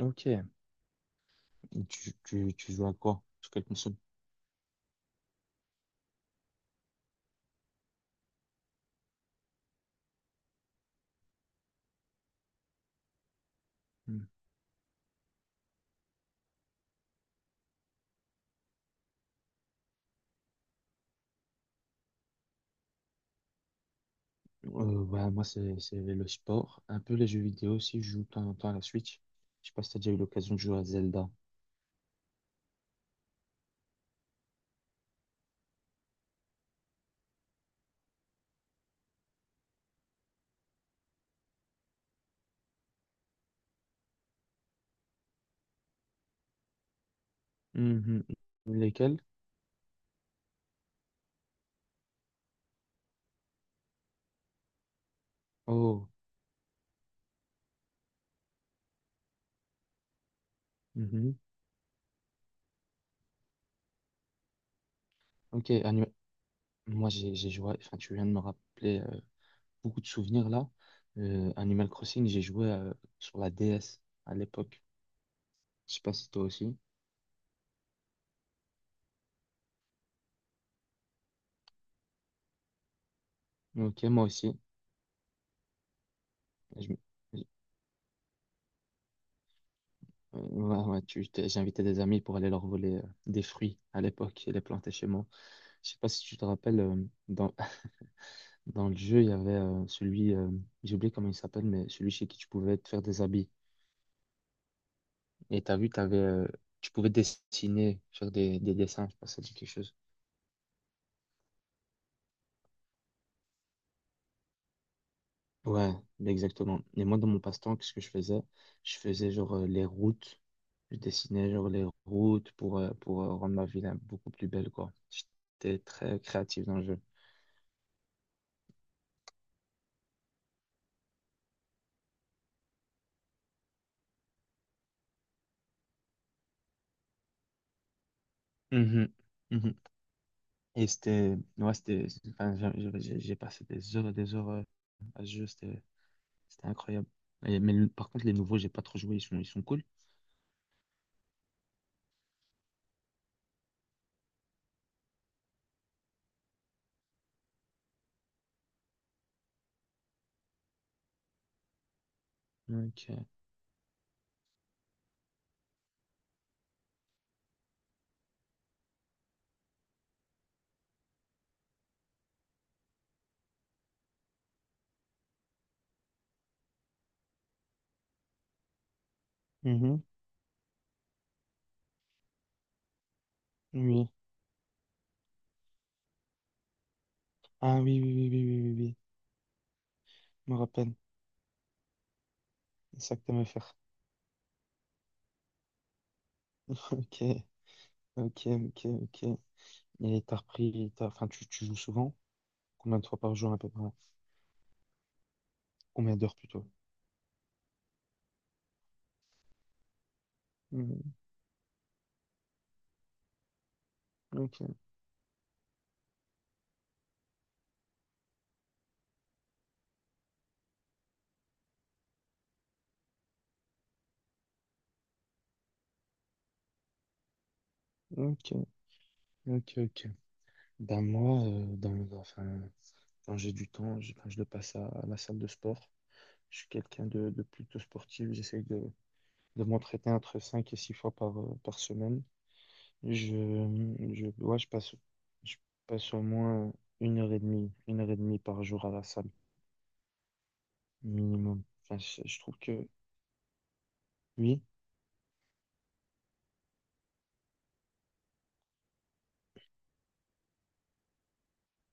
Ok. Et tu joues à quoi? Sur quelle console? Hmm. Moi, c'est le sport. Un peu les jeux vidéo aussi. Je joue de temps en temps à la Switch. Je sais pas si t'as déjà eu l'occasion de jouer à Zelda. Mhm. Lesquels? Oh. Mhm. Ok. Moi, j'ai joué. Enfin, tu viens de me rappeler beaucoup de souvenirs là. Animal Crossing, j'ai joué sur la DS à l'époque. Je sais pas si toi aussi. Ok, moi aussi. Je, Ouais, ouais, j'invitais des amis pour aller leur voler des fruits à l'époque et les planter chez moi. Je sais pas si tu te rappelles, dans, dans le jeu, il y avait celui, j'ai oublié comment il s'appelle, mais celui chez qui tu pouvais te faire des habits. Et t'as vu, t'avais, tu pouvais dessiner, faire des dessins, je sais pas si ça dit quelque chose. Ouais, exactement. Et moi, dans mon passe-temps, qu'est-ce que je faisais? Je faisais genre les routes. Je dessinais genre les routes pour rendre ma ville beaucoup plus belle, quoi. J'étais très créatif dans le jeu. Mhm, mhm. Et c'était, ouais, c'était, enfin, j'ai passé des heures et des heures à ce jeu, c'était incroyable. Par contre, les nouveaux, j'ai pas trop joué, ils sont cool. Donc, Mhm, oui. Ah oui, oui, oui, oui, oui, oui, oui. Je me rappelle. C'est ça que t'aimais faire. Ok, ok, ok, ok. Et enfin, tu joues souvent? Combien de fois par jour à peu près? Combien d'heures plutôt? Mhm, ok, ok, ok, ok. Ben moi, dans enfin, quand j'ai du temps, quand je le passe à la salle de sport, je suis quelqu'un de plutôt sportif. J'essaye de de, m'entraîner entre 5 et 6 fois par semaine. Je, ouais, je passe au moins une heure et demie, une heure et demie par jour à la salle, minimum. Enfin, je trouve que oui,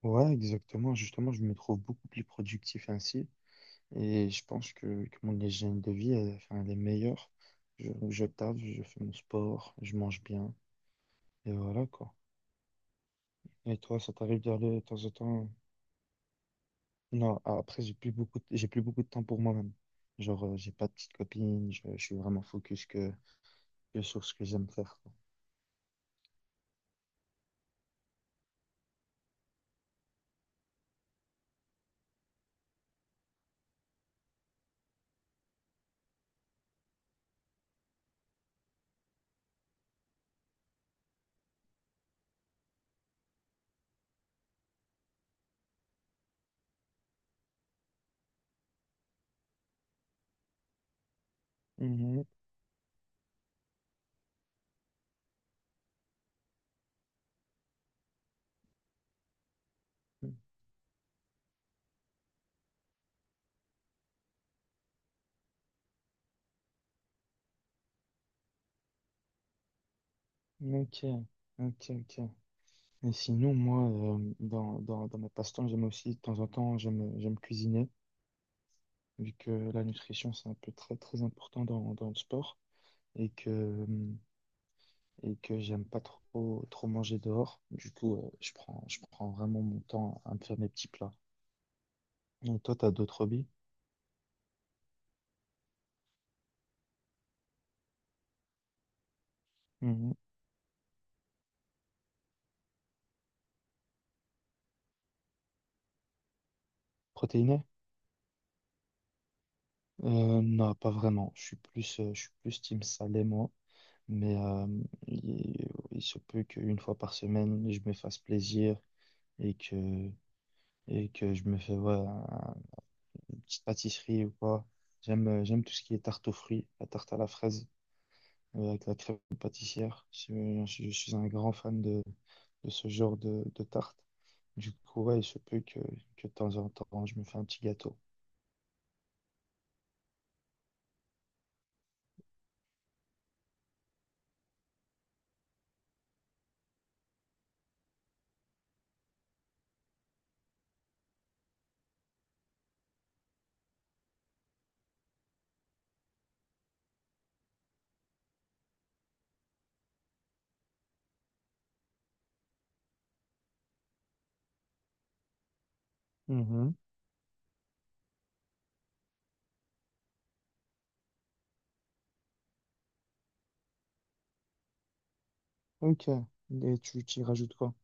ouais, exactement. Justement, je me trouve beaucoup plus productif ainsi. Et je pense que mon hygiène de vie, elle, enfin, elle est meilleure. Je taffe, je fais mon sport, je mange bien. Et voilà, quoi. Et toi, ça t'arrive d'y aller de temps en temps? Non, après, j'ai plus beaucoup de... j'ai plus beaucoup de temps pour moi-même. Genre, j'ai pas de petite copine, je suis vraiment focus que sur ce que j'aime faire, quoi. Mhm. Ok, ok, ok. Et sinon, moi, dans mes passe-temps, j'aime aussi, de temps en temps, j'aime cuisiner, vu que la nutrition, c'est un peu très important dans le sport et que, euh, et que j'aime pas trop manger dehors. Du coup, je prends vraiment mon temps à me faire mes petits plats. Et toi, t'as d'autres hobbies? Mhm. Protéiné? Non, pas vraiment. Je suis plus team salé, moi. Mais il, il se peut qu'une fois par semaine, je me fasse plaisir et que, et que je me fais ouais, une petite pâtisserie ou quoi. J'aime tout ce qui est tarte aux fruits, la tarte à la fraise avec la crème pâtissière. Je suis un grand fan de ce genre de tarte. Du coup, ouais, il se peut que de temps en temps, je me fais un petit gâteau. Ok. Et tu y rajoutes quoi?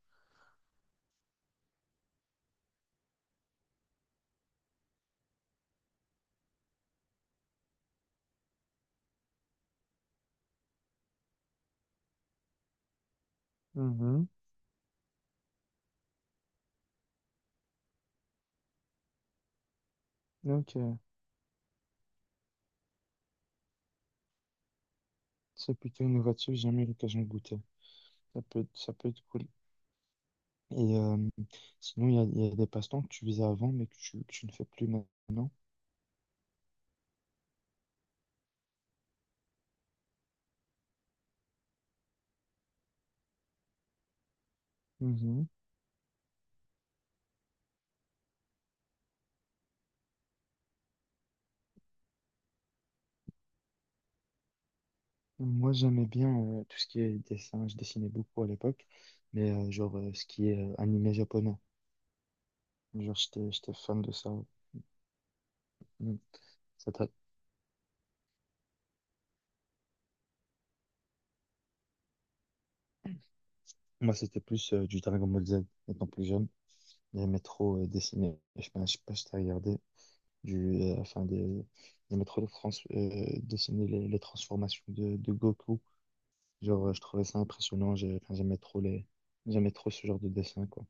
Mhm. Ok. C'est plutôt innovatif, j'ai jamais eu l'occasion de goûter. Ça peut être cool. Et sinon, il y a des passe-temps que tu faisais avant, mais que tu ne fais plus maintenant. Mhm. Moi, j'aimais bien tout ce qui est dessin. Je dessinais beaucoup à l'époque, mais ce qui est animé japonais. Genre, j'étais fan de ça. Mm. Ça tra- Moi, c'était plus du Dragon Ball Z, étant plus jeune. J'aimais trop dessiner. Je sais pas si t'as regardé. du, euh, enfin de, de dessiner les transformations de Goku. Genre, je trouvais ça impressionnant. J'aimais trop les, j'aimais trop ce genre de dessin, quoi.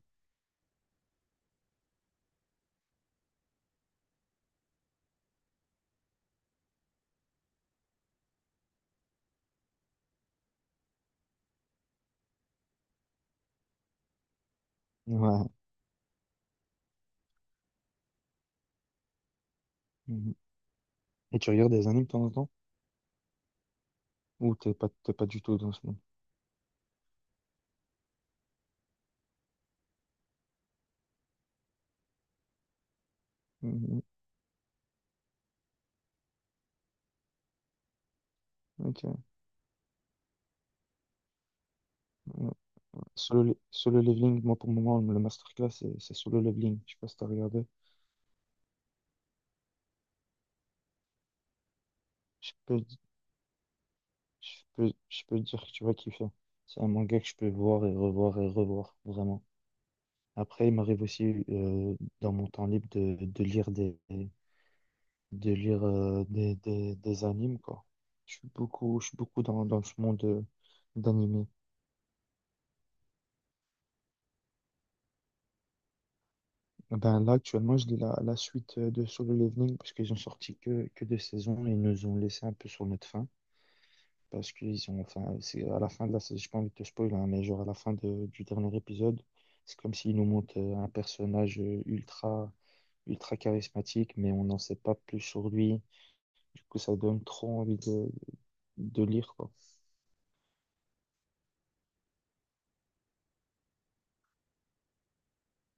Ouais. Mhm. Et tu regardes des animes de temps en temps? Ou t'es pas du tout dans ce monde? Mhm. Ok. Ouais. Solo leveling, moi pour le moment, le masterclass, c'est solo leveling. Je sais pas si t'as regardé. Je peux, je peux dire que tu vas kiffer. C'est un manga que je peux voir et revoir, vraiment. Après, il m'arrive aussi dans mon temps libre de lire des des animes quoi. Je suis beaucoup dans ce monde d'animé. Ben là actuellement je lis la suite de Solo Leveling parce qu'ils ont sorti que deux saisons et ils nous ont laissé un peu sur notre faim parce qu'ils ont enfin c'est à la fin de la saison, j'ai pas envie de te spoiler hein, mais genre à la du dernier épisode c'est comme s'ils nous montrent un personnage ultra charismatique mais on n'en sait pas plus sur lui. Du coup, ça donne trop envie de lire, quoi.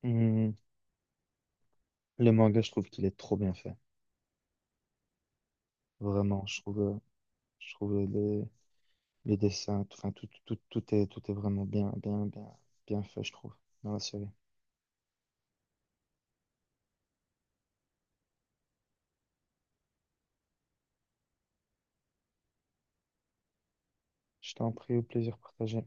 Hum, Le manga, je trouve qu'il est trop bien fait. Vraiment, je trouve les, enfin, tout est vraiment bien, bien fait, je trouve, dans la série. Je t'en prie, au plaisir partagé.